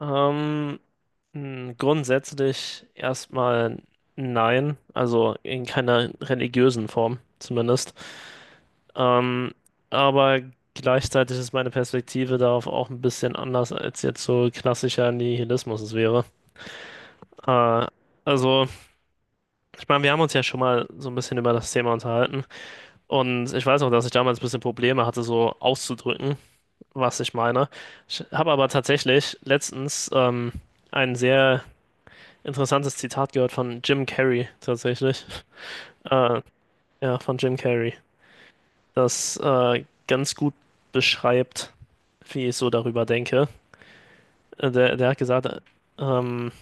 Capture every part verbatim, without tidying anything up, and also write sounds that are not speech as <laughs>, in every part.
Ähm, mh, grundsätzlich erstmal nein, also in keiner religiösen Form zumindest. Ähm, aber gleichzeitig ist meine Perspektive darauf auch ein bisschen anders, als jetzt so klassischer Nihilismus es wäre. Äh, also, ich meine, wir haben uns ja schon mal so ein bisschen über das Thema unterhalten und ich weiß noch, dass ich damals ein bisschen Probleme hatte, so auszudrücken, was ich meine. Ich habe aber tatsächlich letztens ähm, einen sehr interessantes Zitat gehört von Jim Carrey tatsächlich. Äh, ja, von Jim Carrey. Das äh, ganz gut beschreibt, wie ich so darüber denke. Äh, Der, der hat gesagt, äh, ähm,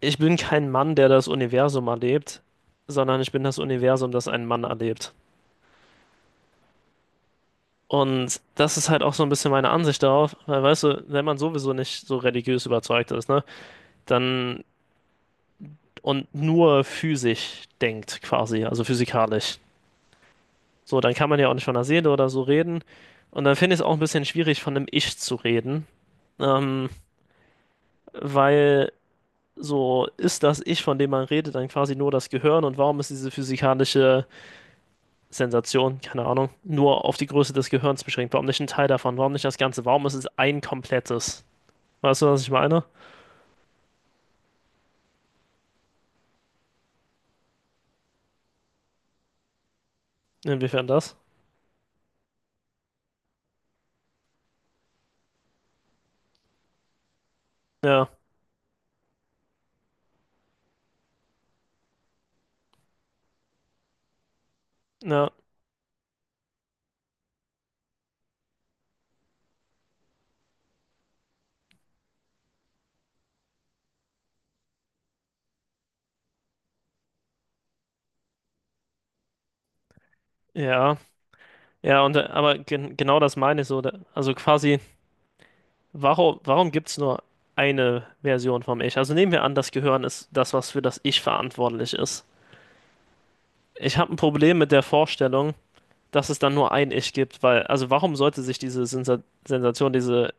ich bin kein Mann, der das Universum erlebt, sondern ich bin das Universum, das einen Mann erlebt. Und das ist halt auch so ein bisschen meine Ansicht darauf, weil weißt du, wenn man sowieso nicht so religiös überzeugt ist, ne, dann und nur physisch denkt quasi, also physikalisch. So, dann kann man ja auch nicht von der Seele oder so reden. Und dann finde ich es auch ein bisschen schwierig, von einem Ich zu reden. Ähm, Weil so ist das Ich, von dem man redet, dann quasi nur das Gehirn. Und warum ist diese physikalische Sensation, keine Ahnung, nur auf die Größe des Gehirns beschränkt? Warum nicht ein Teil davon? Warum nicht das Ganze? Warum ist es ein komplettes? Weißt du, was ich meine? Inwiefern das? Ja, ja, ja. Ja, und äh, aber gen genau das meine ich so. da- Also quasi. Warum, warum gibt es nur eine Version vom Ich? Also nehmen wir an, das Gehirn ist das, was für das Ich verantwortlich ist. Ich habe ein Problem mit der Vorstellung, dass es dann nur ein Ich gibt, weil, also warum sollte sich diese Sensa Sensation, diese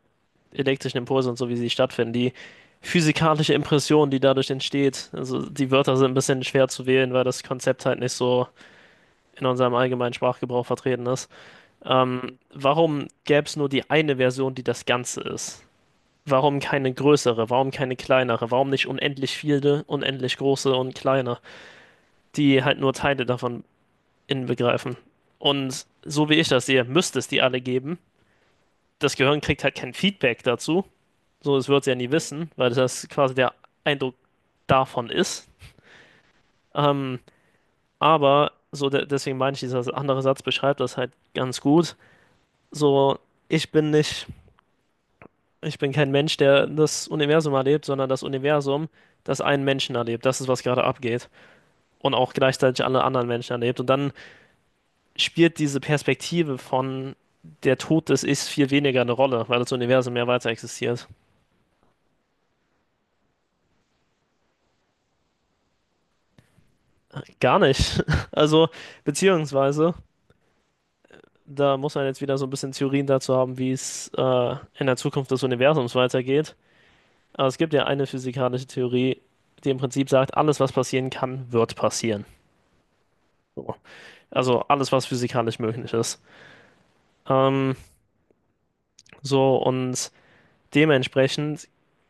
elektrischen Impulse und so, wie sie stattfinden, die physikalische Impression, die dadurch entsteht, also die Wörter sind ein bisschen schwer zu wählen, weil das Konzept halt nicht so in unserem allgemeinen Sprachgebrauch vertreten ist. Ähm, warum gäbe es nur die eine Version, die das Ganze ist? Warum keine größere? Warum keine kleinere? Warum nicht unendlich viele, unendlich große und kleine, die halt nur Teile davon inbegreifen? Und so wie ich das sehe, müsste es die alle geben. Das Gehirn kriegt halt kein Feedback dazu. So, es wird es ja nie wissen, weil das quasi der Eindruck davon ist. Ähm, aber so, de deswegen meine ich, dieser andere Satz beschreibt das halt ganz gut. So, ich bin nicht, ich bin kein Mensch, der das Universum erlebt, sondern das Universum, das einen Menschen erlebt. Das ist, was gerade abgeht. Und auch gleichzeitig alle anderen Menschen erlebt. Und dann spielt diese Perspektive von der Tod des Ichs viel weniger eine Rolle, weil das Universum mehr weiter existiert. Gar nicht. <laughs> Also, beziehungsweise, da muss man jetzt wieder so ein bisschen Theorien dazu haben, wie es äh, in der Zukunft des Universums weitergeht. Aber es gibt ja eine physikalische Theorie, die im Prinzip sagt, alles, was passieren kann, wird passieren. So. Also alles, was physikalisch möglich ist. Ähm, so, und Dementsprechend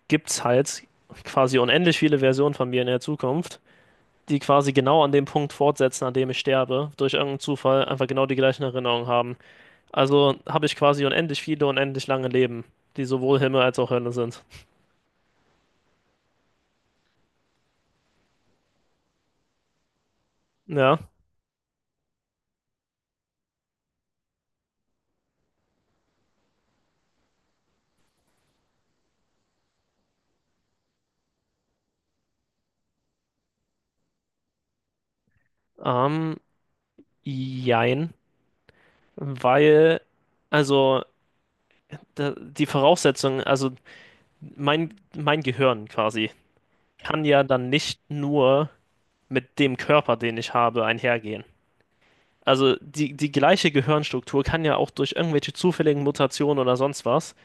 gibt es halt quasi unendlich viele Versionen von mir in der Zukunft, die quasi genau an dem Punkt fortsetzen, an dem ich sterbe, durch irgendeinen Zufall einfach genau die gleichen Erinnerungen haben. Also habe ich quasi unendlich viele, unendlich lange Leben, die sowohl Himmel als auch Hölle sind. Ja, ähm, jein, weil, also da- die Voraussetzung, also mein, mein Gehirn quasi, kann ja dann nicht nur mit dem Körper, den ich habe, einhergehen. Also die, die gleiche Gehirnstruktur kann ja auch durch irgendwelche zufälligen Mutationen oder sonst was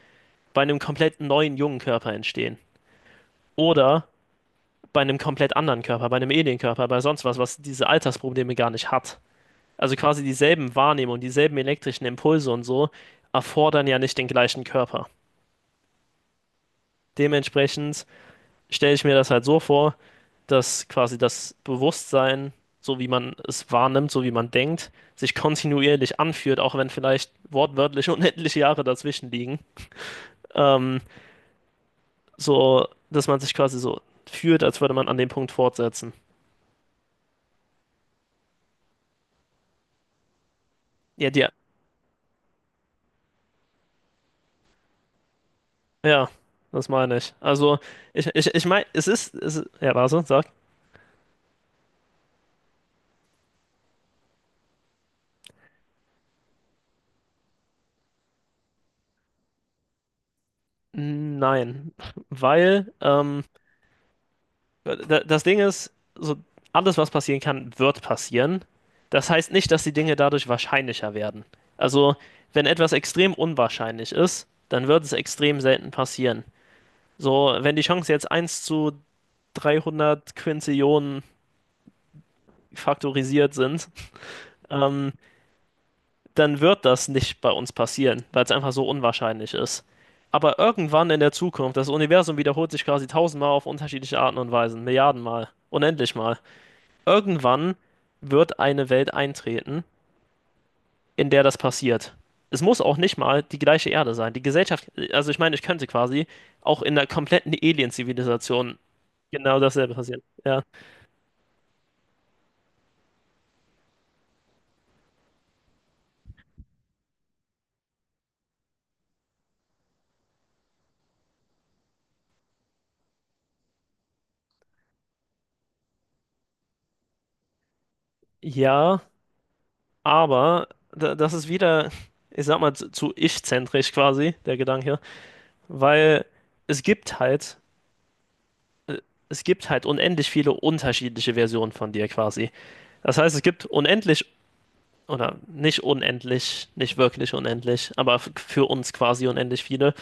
bei einem komplett neuen jungen Körper entstehen. Oder bei einem komplett anderen Körper, bei einem Alienkörper, bei sonst was, was diese Altersprobleme gar nicht hat. Also quasi dieselben Wahrnehmungen, dieselben elektrischen Impulse und so erfordern ja nicht den gleichen Körper. Dementsprechend stelle ich mir das halt so vor, dass quasi das Bewusstsein, so wie man es wahrnimmt, so wie man denkt, sich kontinuierlich anfühlt, auch wenn vielleicht wortwörtlich <laughs> unendliche Jahre dazwischen liegen. Ähm, so, dass man sich quasi so fühlt, als würde man an dem Punkt fortsetzen. Ja, die, ja, das meine ich. Also, ich, ich, ich meine, es ist, es, ist- ja, warte, sag. Nein, weil, ähm, Da- das Ding ist, so alles, was passieren kann, wird passieren. Das heißt nicht, dass die Dinge dadurch wahrscheinlicher werden. Also, wenn etwas extrem unwahrscheinlich ist, dann wird es extrem selten passieren. So, wenn die Chancen jetzt eins zu dreihundert Quintillionen faktorisiert sind, ähm, dann wird das nicht bei uns passieren, weil es einfach so unwahrscheinlich ist. Aber irgendwann in der Zukunft, das Universum wiederholt sich quasi tausendmal auf unterschiedliche Arten und Weisen, Milliardenmal, unendlich mal. Irgendwann wird eine Welt eintreten, in der das passiert. Es muss auch nicht mal die gleiche Erde sein. Die Gesellschaft, also ich meine, ich könnte quasi auch in der kompletten Alien-Zivilisation genau dasselbe passieren. Ja, ja, aber da, das ist wieder, ich sag mal, zu, zu ich-zentrisch quasi, der Gedanke, weil es gibt halt, äh, es gibt halt unendlich viele unterschiedliche Versionen von dir quasi. Das heißt, es gibt unendlich oder nicht unendlich, nicht wirklich unendlich, aber für uns quasi unendlich viele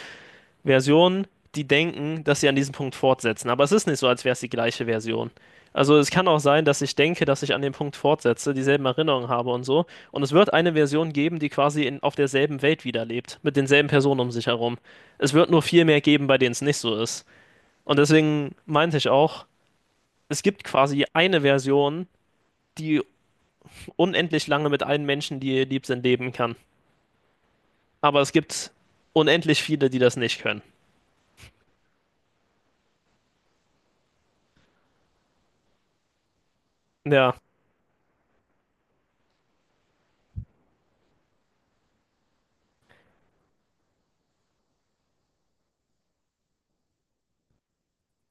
Versionen, die denken, dass sie an diesem Punkt fortsetzen. Aber es ist nicht so, als wäre es die gleiche Version. Also es kann auch sein, dass ich denke, dass ich an dem Punkt fortsetze, dieselben Erinnerungen habe und so. Und es wird eine Version geben, die quasi in, auf derselben Welt wiederlebt, mit denselben Personen um sich herum. Es wird nur viel mehr geben, bei denen es nicht so ist. Und deswegen meinte ich auch, es gibt quasi eine Version, die unendlich lange mit allen Menschen, die ihr lieb sind, leben kann. Aber es gibt unendlich viele, die das nicht können. Ja,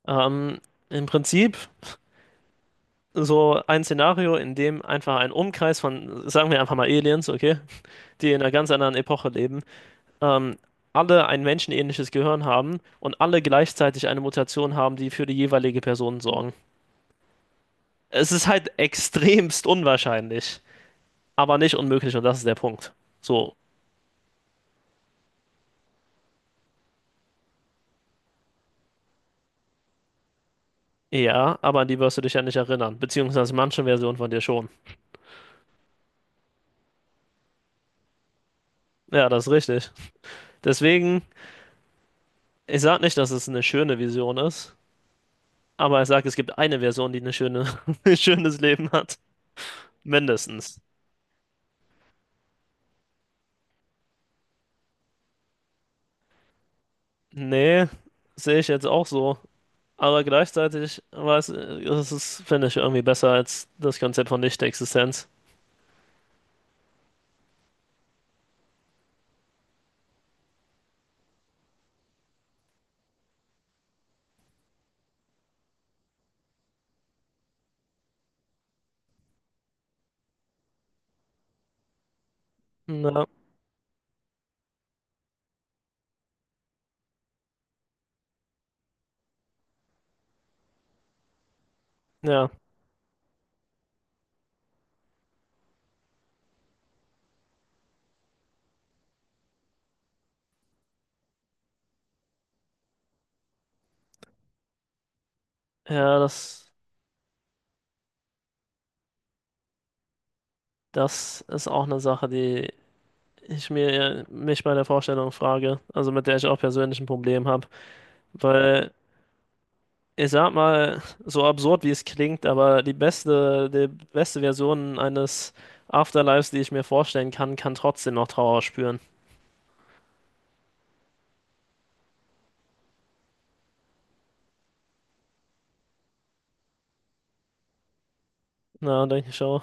ähm, im Prinzip so ein Szenario, in dem einfach ein Umkreis von, sagen wir einfach mal Aliens, okay, die in einer ganz anderen Epoche leben, ähm, alle ein menschenähnliches Gehirn haben und alle gleichzeitig eine Mutation haben, die für die jeweilige Person sorgen. Es ist halt extremst unwahrscheinlich, aber nicht unmöglich und das ist der Punkt. So, ja, aber an die wirst du dich ja nicht erinnern, beziehungsweise manche Version von dir schon. Ja, das ist richtig. Deswegen ich sag nicht, dass es eine schöne Vision ist, aber ich sag, es gibt eine Version, die eine schöne, <laughs> ein schönes Leben hat. Mindestens. Nee, sehe ich jetzt auch so. Aber gleichzeitig weiß, das ist, finde ich, irgendwie besser als das Konzept von Nichtexistenz. Na, ja. Ja, das, das ist auch eine Sache, die ich mir mich bei der Vorstellung frage. Also mit der ich auch persönlich ein Problem habe. Weil ich sag mal, so absurd wie es klingt, aber die beste, die beste Version eines Afterlives, die ich mir vorstellen kann, kann trotzdem noch Trauer spüren. Na, denke ich schon.